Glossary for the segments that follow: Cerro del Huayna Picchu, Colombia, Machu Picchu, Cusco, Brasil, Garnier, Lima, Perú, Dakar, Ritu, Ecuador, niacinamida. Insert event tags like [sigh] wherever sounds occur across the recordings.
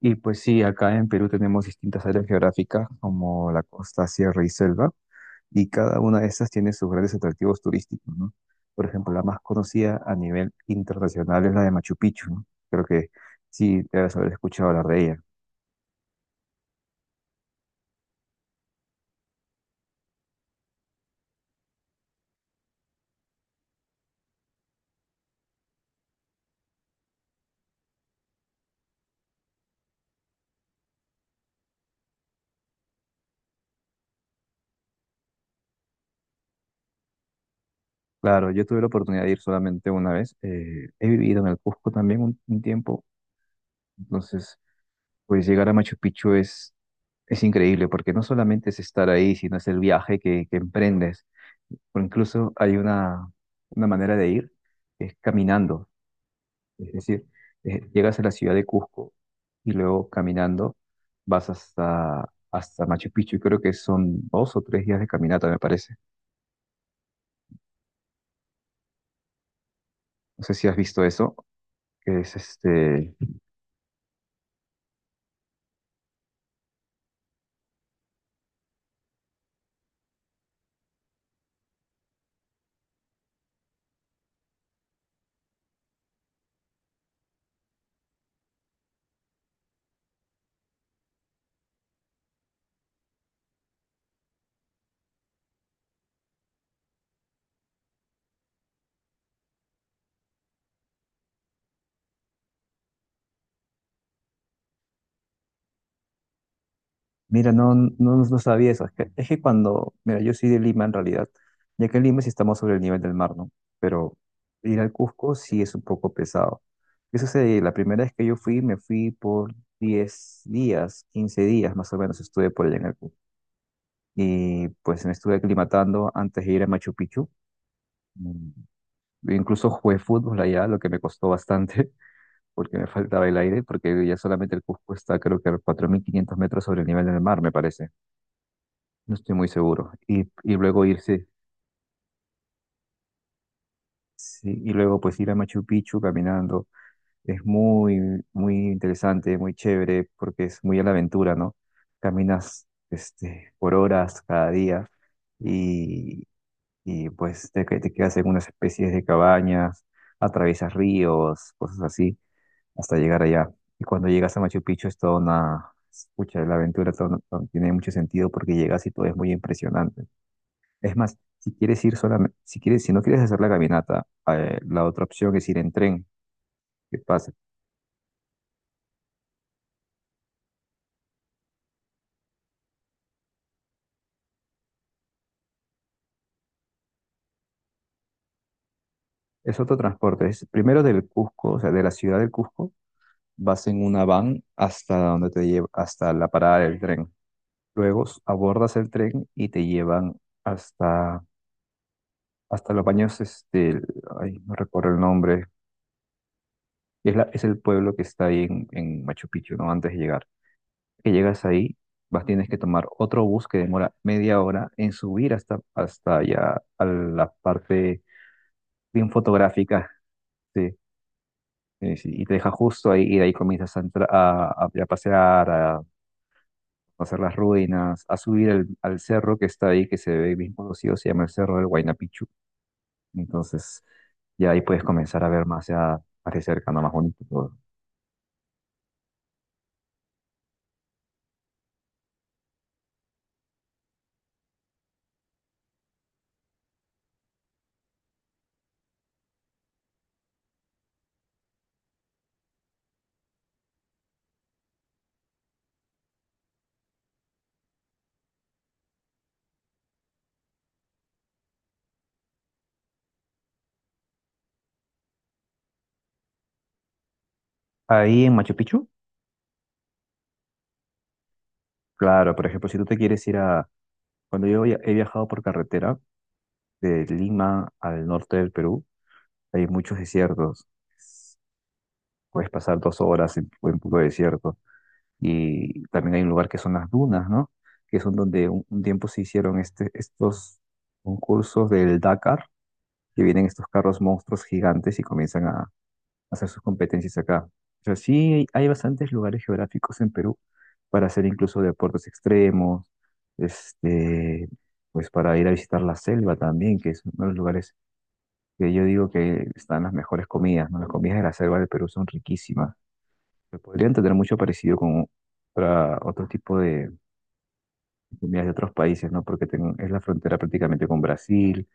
Y pues sí, acá en Perú tenemos distintas áreas geográficas como la costa, sierra y selva, y cada una de estas tiene sus grandes atractivos turísticos, ¿no? Por ejemplo, la más conocida a nivel internacional es la de Machu Picchu, ¿no? Creo que sí debes haber escuchado hablar de ella. Claro, yo tuve la oportunidad de ir solamente una vez. He vivido en el Cusco también un tiempo, entonces pues llegar a Machu Picchu es increíble porque no solamente es estar ahí, sino es el viaje que emprendes. O incluso hay una manera de ir, que es caminando. Es decir, llegas a la ciudad de Cusco y luego caminando vas hasta Machu Picchu. Y creo que son 2 o 3 días de caminata, me parece. No sé si has visto eso, que es este. Mira, no, no, no sabía eso. Es que cuando, mira, yo soy de Lima en realidad, ya que en Lima sí estamos sobre el nivel del mar, ¿no? Pero ir al Cusco sí es un poco pesado. ¿Qué sucede? La primera vez que yo fui, me fui por 10 días, 15 días más o menos estuve por allá en el Cusco. Y pues me estuve aclimatando antes de ir a Machu Picchu. Mm, Incluso jugué fútbol allá, lo que me costó bastante, [laughs] porque me faltaba el aire, porque ya solamente el Cusco está creo que a 4500 metros sobre el nivel del mar, me parece. No estoy muy seguro. Y luego irse, sí, y luego pues ir a Machu Picchu caminando. Es muy, muy interesante, muy chévere, porque es muy a la aventura, ¿no? Caminas este, por horas cada día y, y pues te quedas en unas especies de cabañas, atraviesas ríos, cosas así, hasta llegar allá. Y cuando llegas a Machu Picchu es toda una, escucha, la aventura tiene mucho sentido porque llegas y todo es muy impresionante. Es más, si quieres ir solamente, si quieres, si no quieres hacer la caminata, la otra opción es ir en tren, que pasa. Es otro transporte. Es primero del Cusco, o sea, de la ciudad del Cusco, vas en una van hasta donde te lleva, hasta la parada del tren. Luego abordas el tren y te llevan hasta, hasta los baños, este, ay, no recuerdo el nombre. Es es el pueblo que está ahí en Machu Picchu, ¿no? Antes de llegar. Que llegas ahí, vas, tienes que tomar otro bus que demora media hora en subir hasta, hasta allá a la parte bien fotográfica, sí, sí, sí, y te deja justo ahí, y de ahí comienzas a pasear, a hacer las ruinas, a subir al cerro que está ahí, que se ve bien conocido, se llama el Cerro del Huayna Picchu. Entonces, ya ahí puedes comenzar a ver más ya, más de cerca, ¿no? Más bonito todo. Ahí en Machu Picchu, claro, por ejemplo, si tú te quieres ir a... Cuando yo he viajado por carretera, de Lima al norte del Perú, hay muchos desiertos. Puedes pasar 2 horas en puro desierto. Y también hay un lugar que son las dunas, ¿no? Que son donde un tiempo se hicieron este, estos concursos del Dakar, que vienen estos carros monstruos gigantes y comienzan a hacer sus competencias acá. O sea, sí hay bastantes lugares geográficos en Perú para hacer incluso deportes extremos, este, pues para ir a visitar la selva también, que es uno de los lugares que yo digo que están las mejores comidas, ¿no? Las comidas de la selva del Perú son riquísimas. Se podrían tener mucho parecido con otro tipo de comidas de otros países, ¿no? Porque es la frontera prácticamente con Brasil,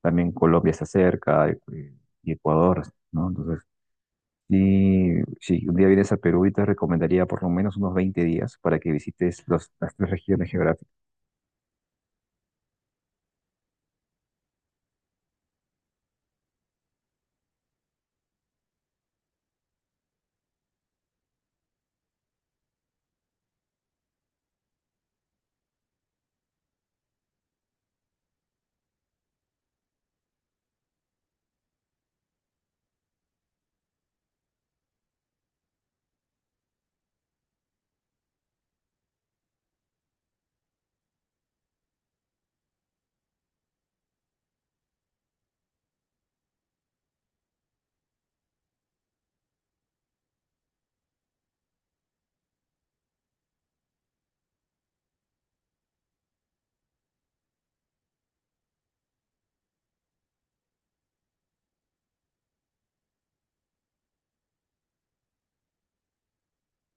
también Colombia está cerca, y Ecuador, ¿no? Entonces, sí, si un día vienes a Perú, y te recomendaría por lo menos unos 20 días para que visites las tres regiones geográficas.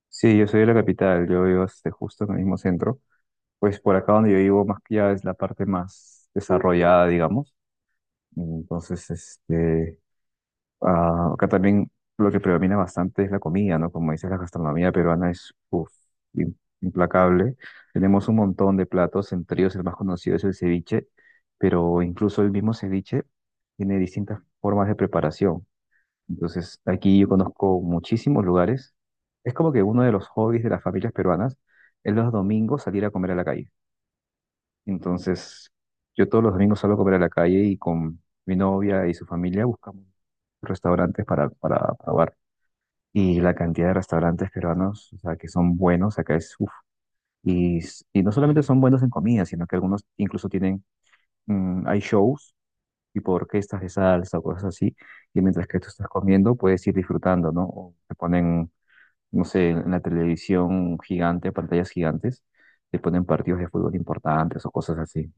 Sí, yo soy de la capital, yo vivo este, justo en el mismo centro. Pues por acá donde yo vivo, más que ya es la parte más desarrollada, digamos. Entonces, este, ah, acá también lo que predomina bastante es la comida, ¿no? Como dices, la gastronomía peruana es uf, im- implacable. Tenemos un montón de platos, entre ellos el más conocido es el ceviche, pero incluso el mismo ceviche tiene distintas formas de preparación. Entonces, aquí yo conozco muchísimos lugares. Es como que uno de los hobbies de las familias peruanas es los domingos salir a comer a la calle. Entonces, yo todos los domingos salgo a comer a la calle y con mi novia y su familia buscamos restaurantes para probar. Y la cantidad de restaurantes peruanos, o sea, que son buenos, acá es uff. Y, y no solamente son buenos en comida, sino que algunos incluso tienen, mm, hay shows, tipo orquestas de salsa o cosas así, y mientras que tú estás comiendo puedes ir disfrutando, ¿no? O te ponen, no sé, en la televisión gigante, pantallas gigantes, te ponen partidos de fútbol importantes o cosas así.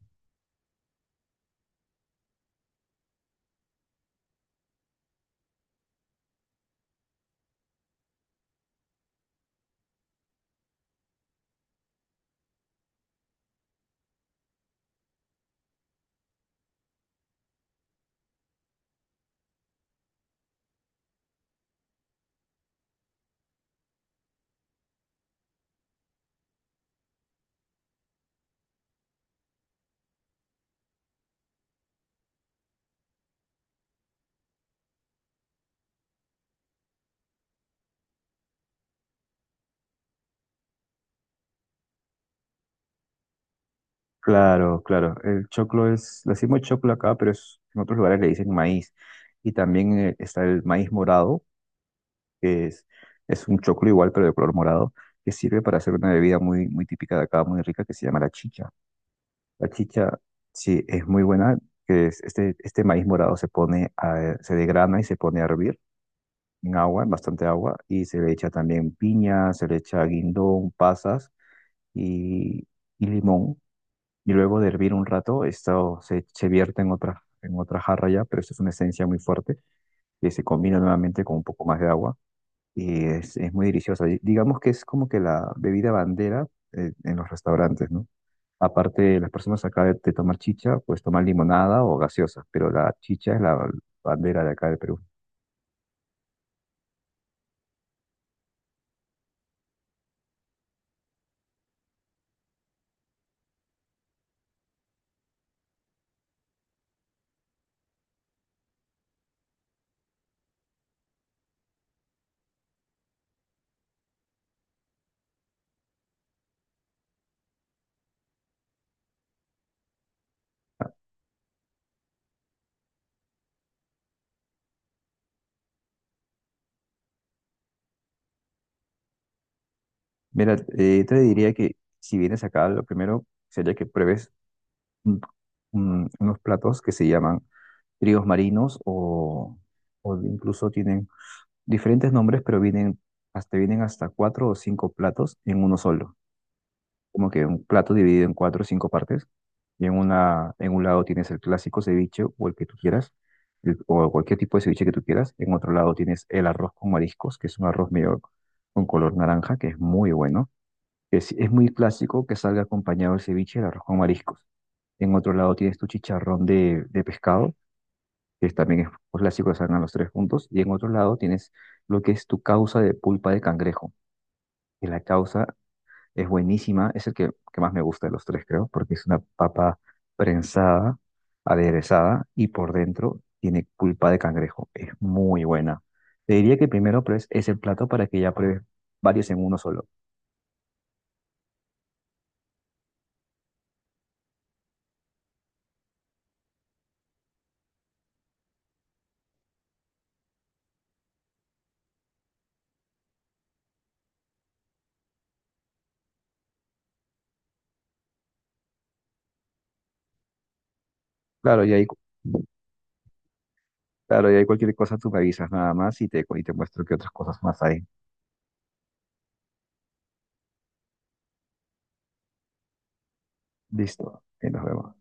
Claro, claro. El choclo es, le decimos choclo acá, pero en otros lugares le dicen maíz. Y también está el maíz morado, que es un choclo igual, pero de color morado, que sirve para hacer una bebida muy, muy típica de acá, muy rica, que se llama la chicha. La chicha, sí, es muy buena, que es este, este maíz morado se pone a se degrana y se pone a hervir en agua, en bastante agua, y se le echa también piña, se le echa guindón, pasas y, y limón y luego de hervir un rato, esto se, se vierte en otra jarra ya, pero esto es una esencia muy fuerte que se combina nuevamente con un poco más de agua y es muy deliciosa. Y digamos que es como que la bebida bandera en los restaurantes, ¿no? Aparte, las personas acá de tomar chicha, pues toman limonada o gaseosa, pero la chicha es la bandera de acá de Perú. Mira, te diría que si vienes acá, lo primero sería que pruebes mm, unos platos que se llaman tríos marinos o incluso tienen diferentes nombres, pero vienen vienen hasta 4 o 5 platos en uno solo. Como que un plato dividido en 4 o 5 partes. Y en un lado tienes el clásico ceviche o el que tú quieras, o cualquier tipo de ceviche que tú quieras. En otro lado tienes el arroz con mariscos, que es un arroz medio con color naranja, que es muy bueno. Es muy clásico que salga acompañado el ceviche, el arroz con mariscos. En otro lado tienes tu chicharrón de pescado, que también es un clásico que salgan los tres juntos. Y en otro lado tienes lo que es tu causa de pulpa de cangrejo. Y la causa es buenísima, es el que más me gusta de los tres, creo, porque es una papa prensada, aderezada y por dentro tiene pulpa de cangrejo. Es muy buena. Te diría que primero pruebes ese plato para que ya pruebes varios en uno solo. Claro, y ahí, claro, y ahí cualquier cosa tú me avisas nada más y y te muestro qué otras cosas más hay. Listo, y nos vemos.